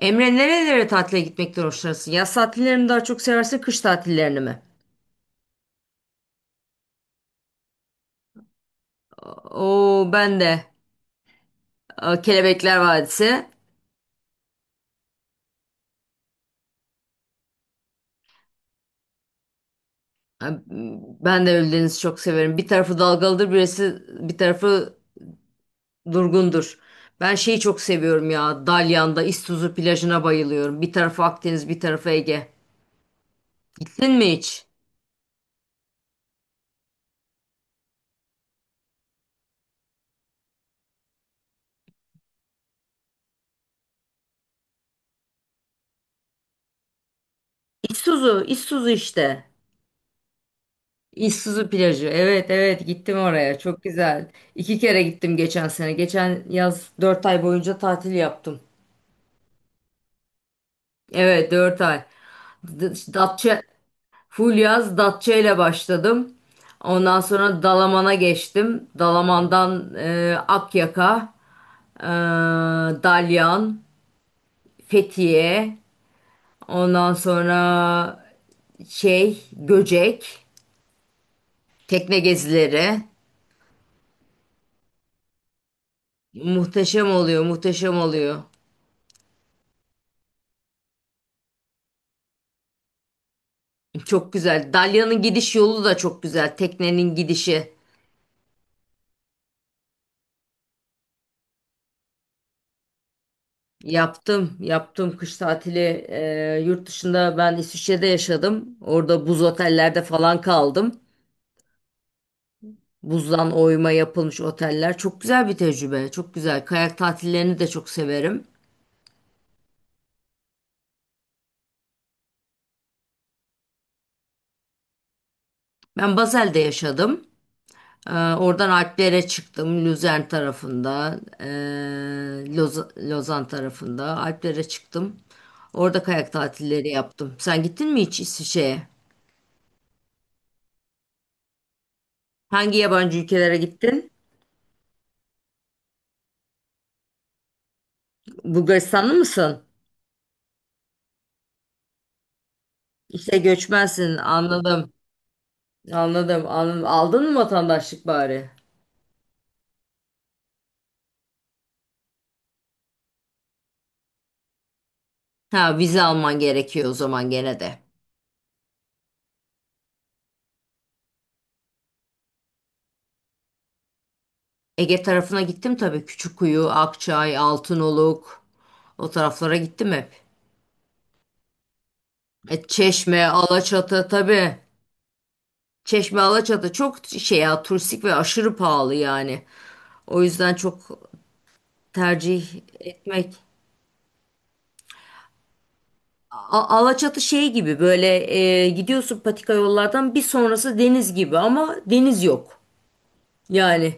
Emre nerelere tatile gitmekten hoşlanırsın? Yaz tatillerini mi daha çok seversin, kış tatillerini mi? Oo ben de Kelebekler Vadisi. E, Ben de Ölüdeniz'i çok severim. Bir tarafı dalgalıdır, birisi bir tarafı durgundur. Ben şeyi çok seviyorum ya. Dalyan'da İztuzu plajına bayılıyorum. Bir tarafı Akdeniz, bir tarafı Ege. Gittin mi hiç? İztuzu, İztuzu işte. İztuzu plajı. Evet evet, gittim oraya. Çok güzel. İki kere gittim geçen sene. Geçen yaz dört ay boyunca tatil yaptım. Evet, dört ay. İşte Datça, full yaz Datça ile başladım. Ondan sonra Dalaman'a geçtim. Dalaman'dan Akyaka, e, Dalyan, Fethiye, ondan sonra şey Göcek, tekne gezileri. Muhteşem oluyor, muhteşem oluyor. Çok güzel. Dalyan'ın gidiş yolu da çok güzel. Teknenin gidişi. Yaptım. Yaptım kış tatili. Yurt dışında ben İsviçre'de yaşadım. Orada buz otellerde falan kaldım. Buzdan oyma yapılmış oteller. Çok güzel bir tecrübe. Çok güzel. Kayak tatillerini de çok severim. Ben Basel'de yaşadım. Oradan Alplere çıktım. Luzern tarafında. Lozan tarafında. Alplere çıktım. Orada kayak tatilleri yaptım. Sen gittin mi hiç İsviçre'ye? Hangi yabancı ülkelere gittin? Bulgaristanlı mısın? İşte göçmensin. Anladım. Anladım. Anladım. Aldın mı vatandaşlık bari? Ha, vize alman gerekiyor o zaman gene de. Ege tarafına gittim tabii. Küçükkuyu, Akçay, Altınoluk. O taraflara gittim hep. Çeşme, Alaçatı tabii. Çeşme, Alaçatı çok şey ya, turistik ve aşırı pahalı yani. O yüzden çok tercih etmek Alaçatı şey gibi, böyle gidiyorsun patika yollardan, bir sonrası deniz gibi ama deniz yok. Yani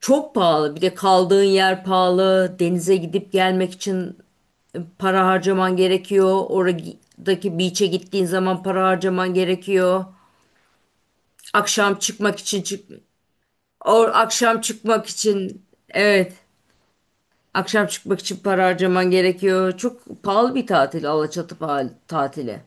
çok pahalı, bir de kaldığın yer pahalı, denize gidip gelmek için para harcaman gerekiyor. Oradaki beach'e gittiğin zaman para harcaman gerekiyor. Akşam çıkmak için çık or akşam çıkmak için evet akşam çıkmak için para harcaman gerekiyor. Çok pahalı bir tatil Alaçatı tatili.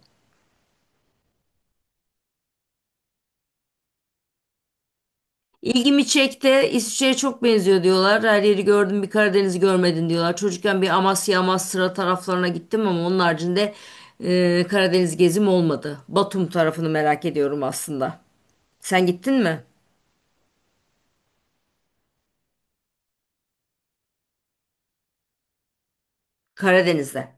İlgimi çekti. İsviçre'ye çok benziyor diyorlar. Her yeri gördüm, bir Karadeniz'i görmedin diyorlar. Çocukken bir Amasya, Amasra taraflarına gittim ama onun haricinde Karadeniz gezim olmadı. Batum tarafını merak ediyorum aslında. Sen gittin mi? Karadeniz'de.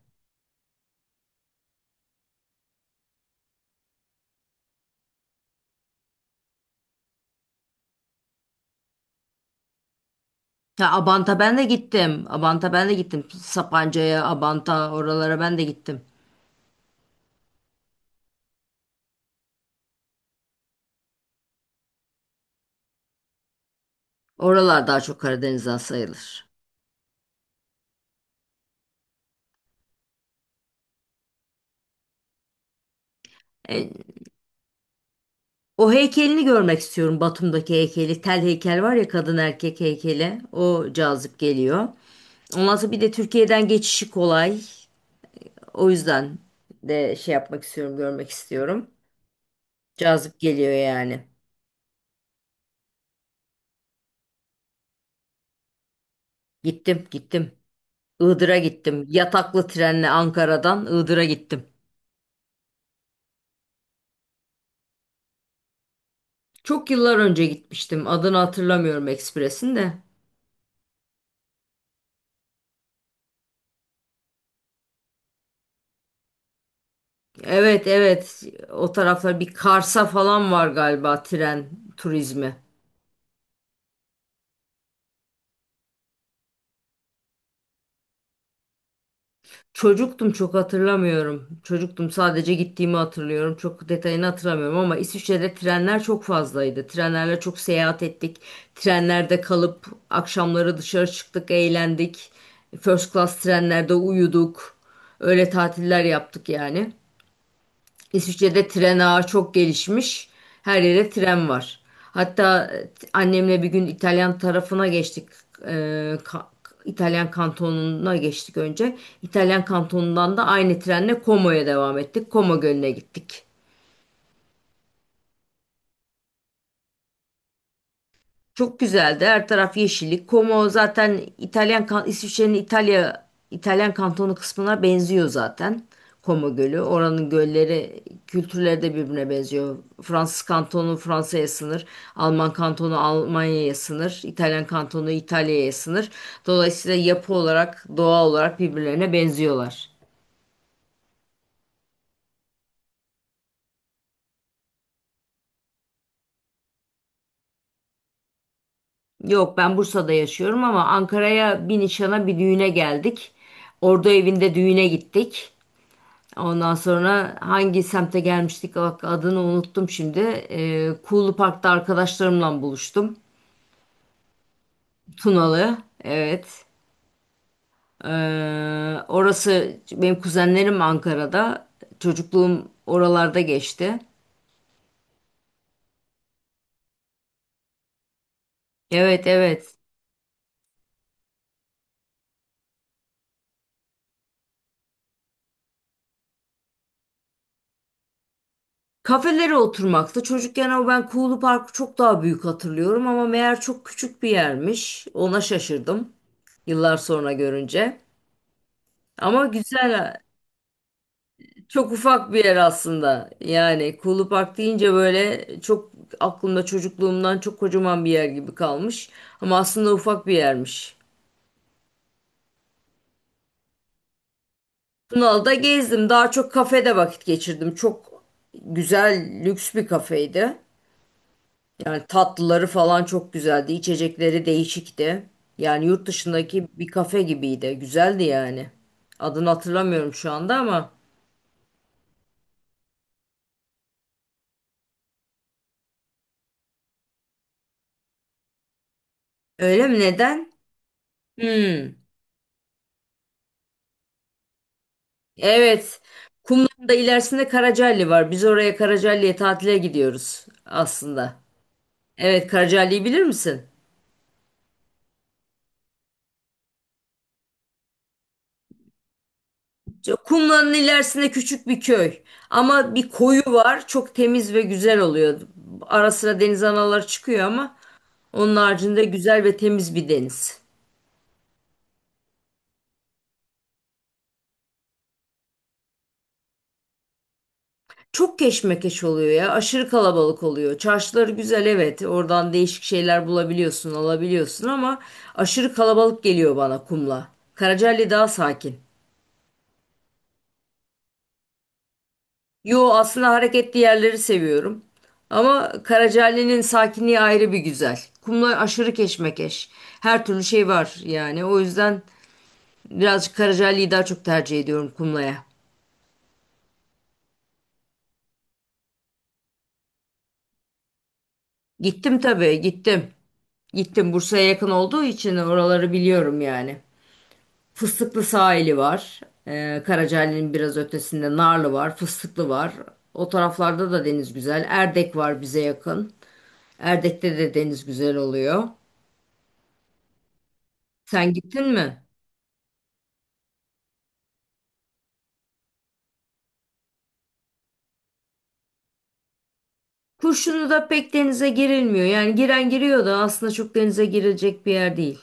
Ya Abant'a ben de gittim. Abant'a ben de gittim. Sapanca'ya, Abant'a oralara ben de gittim. Oralar daha çok Karadeniz'den sayılır. E, O heykelini görmek istiyorum. Batum'daki heykeli. Tel heykel var ya, kadın erkek heykeli. O cazip geliyor. Ondan sonra bir de Türkiye'den geçişi kolay. O yüzden de şey yapmak istiyorum, görmek istiyorum. Cazip geliyor yani. Gittim, gittim. Iğdır'a gittim. Yataklı trenle Ankara'dan Iğdır'a gittim. Çok yıllar önce gitmiştim. Adını hatırlamıyorum ekspresin de. Evet, evet. O taraflar bir Kars'a falan var galiba tren turizmi. Çocuktum, çok hatırlamıyorum. Çocuktum, sadece gittiğimi hatırlıyorum. Çok detayını hatırlamıyorum ama İsviçre'de trenler çok fazlaydı. Trenlerle çok seyahat ettik. Trenlerde kalıp akşamları dışarı çıktık, eğlendik. First class trenlerde uyuduk. Öyle tatiller yaptık yani. İsviçre'de tren ağı çok gelişmiş. Her yere tren var. Hatta annemle bir gün İtalyan tarafına geçtik. E, ka- İtalyan kantonuna geçtik önce. İtalyan kantonundan da aynı trenle Como'ya devam ettik. Como Gölü'ne gittik. Çok güzeldi. Her taraf yeşillik. Como zaten İtalyan İsviçre'nin İtalya İtalyan kantonu kısmına benziyor zaten. Como Gölü. Oranın gölleri, kültürleri de birbirine benziyor. Fransız kantonu Fransa'ya sınır, Alman kantonu Almanya'ya sınır, İtalyan kantonu İtalya'ya sınır. Dolayısıyla yapı olarak, doğa olarak birbirlerine benziyorlar. Yok, ben Bursa'da yaşıyorum ama Ankara'ya bir nişana, bir düğüne geldik. Ordu evinde düğüne gittik. Ondan sonra hangi semte gelmiştik, bak adını unuttum şimdi. Kuğulu Park'ta arkadaşlarımla buluştum. Tunalı. Evet. Orası benim, kuzenlerim Ankara'da. Çocukluğum oralarda geçti. Evet, evet. Kafelere oturmakta. Çocukken o ben Kuğulu Park'ı çok daha büyük hatırlıyorum ama meğer çok küçük bir yermiş. Ona şaşırdım yıllar sonra görünce. Ama güzel. Çok ufak bir yer aslında. Yani Kuğulu Park deyince böyle çok aklımda çocukluğumdan çok kocaman bir yer gibi kalmış. Ama aslında ufak bir yermiş. Tunalı'da gezdim. Daha çok kafede vakit geçirdim. Çok güzel, lüks bir kafeydi. Yani tatlıları falan çok güzeldi. İçecekleri değişikti. Yani yurt dışındaki bir kafe gibiydi. Güzeldi yani. Adını hatırlamıyorum şu anda ama. Öyle mi? Neden? Hmm. Evet. Kumla'nın da ilerisinde Karacaali var. Biz oraya, Karacaali'ye tatile gidiyoruz aslında. Evet, Karacaali'yi bilir misin? Kumla'nın ilerisinde küçük bir köy. Ama bir koyu var. Çok temiz ve güzel oluyor. Ara sıra deniz anaları çıkıyor ama onun haricinde güzel ve temiz bir deniz. Çok keşmekeş oluyor ya. Aşırı kalabalık oluyor. Çarşıları güzel, evet. Oradan değişik şeyler bulabiliyorsun, alabiliyorsun ama aşırı kalabalık geliyor bana Kumla. Karacaali daha sakin. Yo, aslında hareketli yerleri seviyorum. Ama Karacaali'nin sakinliği ayrı bir güzel. Kumlar aşırı keşmekeş. Her türlü şey var yani. O yüzden birazcık Karacaali'yi daha çok tercih ediyorum Kumla'ya. Gittim tabii, gittim. Gittim, Bursa'ya yakın olduğu için oraları biliyorum yani. Fıstıklı sahili var. Karacaali'nin biraz ötesinde Narlı var. Fıstıklı var. O taraflarda da deniz güzel. Erdek var bize yakın. Erdek'te de deniz güzel oluyor. Sen gittin mi? Kurşunu da pek denize girilmiyor. Yani giren giriyor da aslında çok denize girilecek bir yer değil.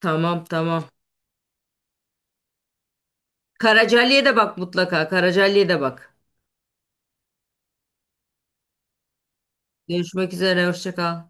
Tamam, tamam. Karacaali'ye de bak mutlaka. Karacaali'ye de bak. Görüşmek üzere. Hoşça kal.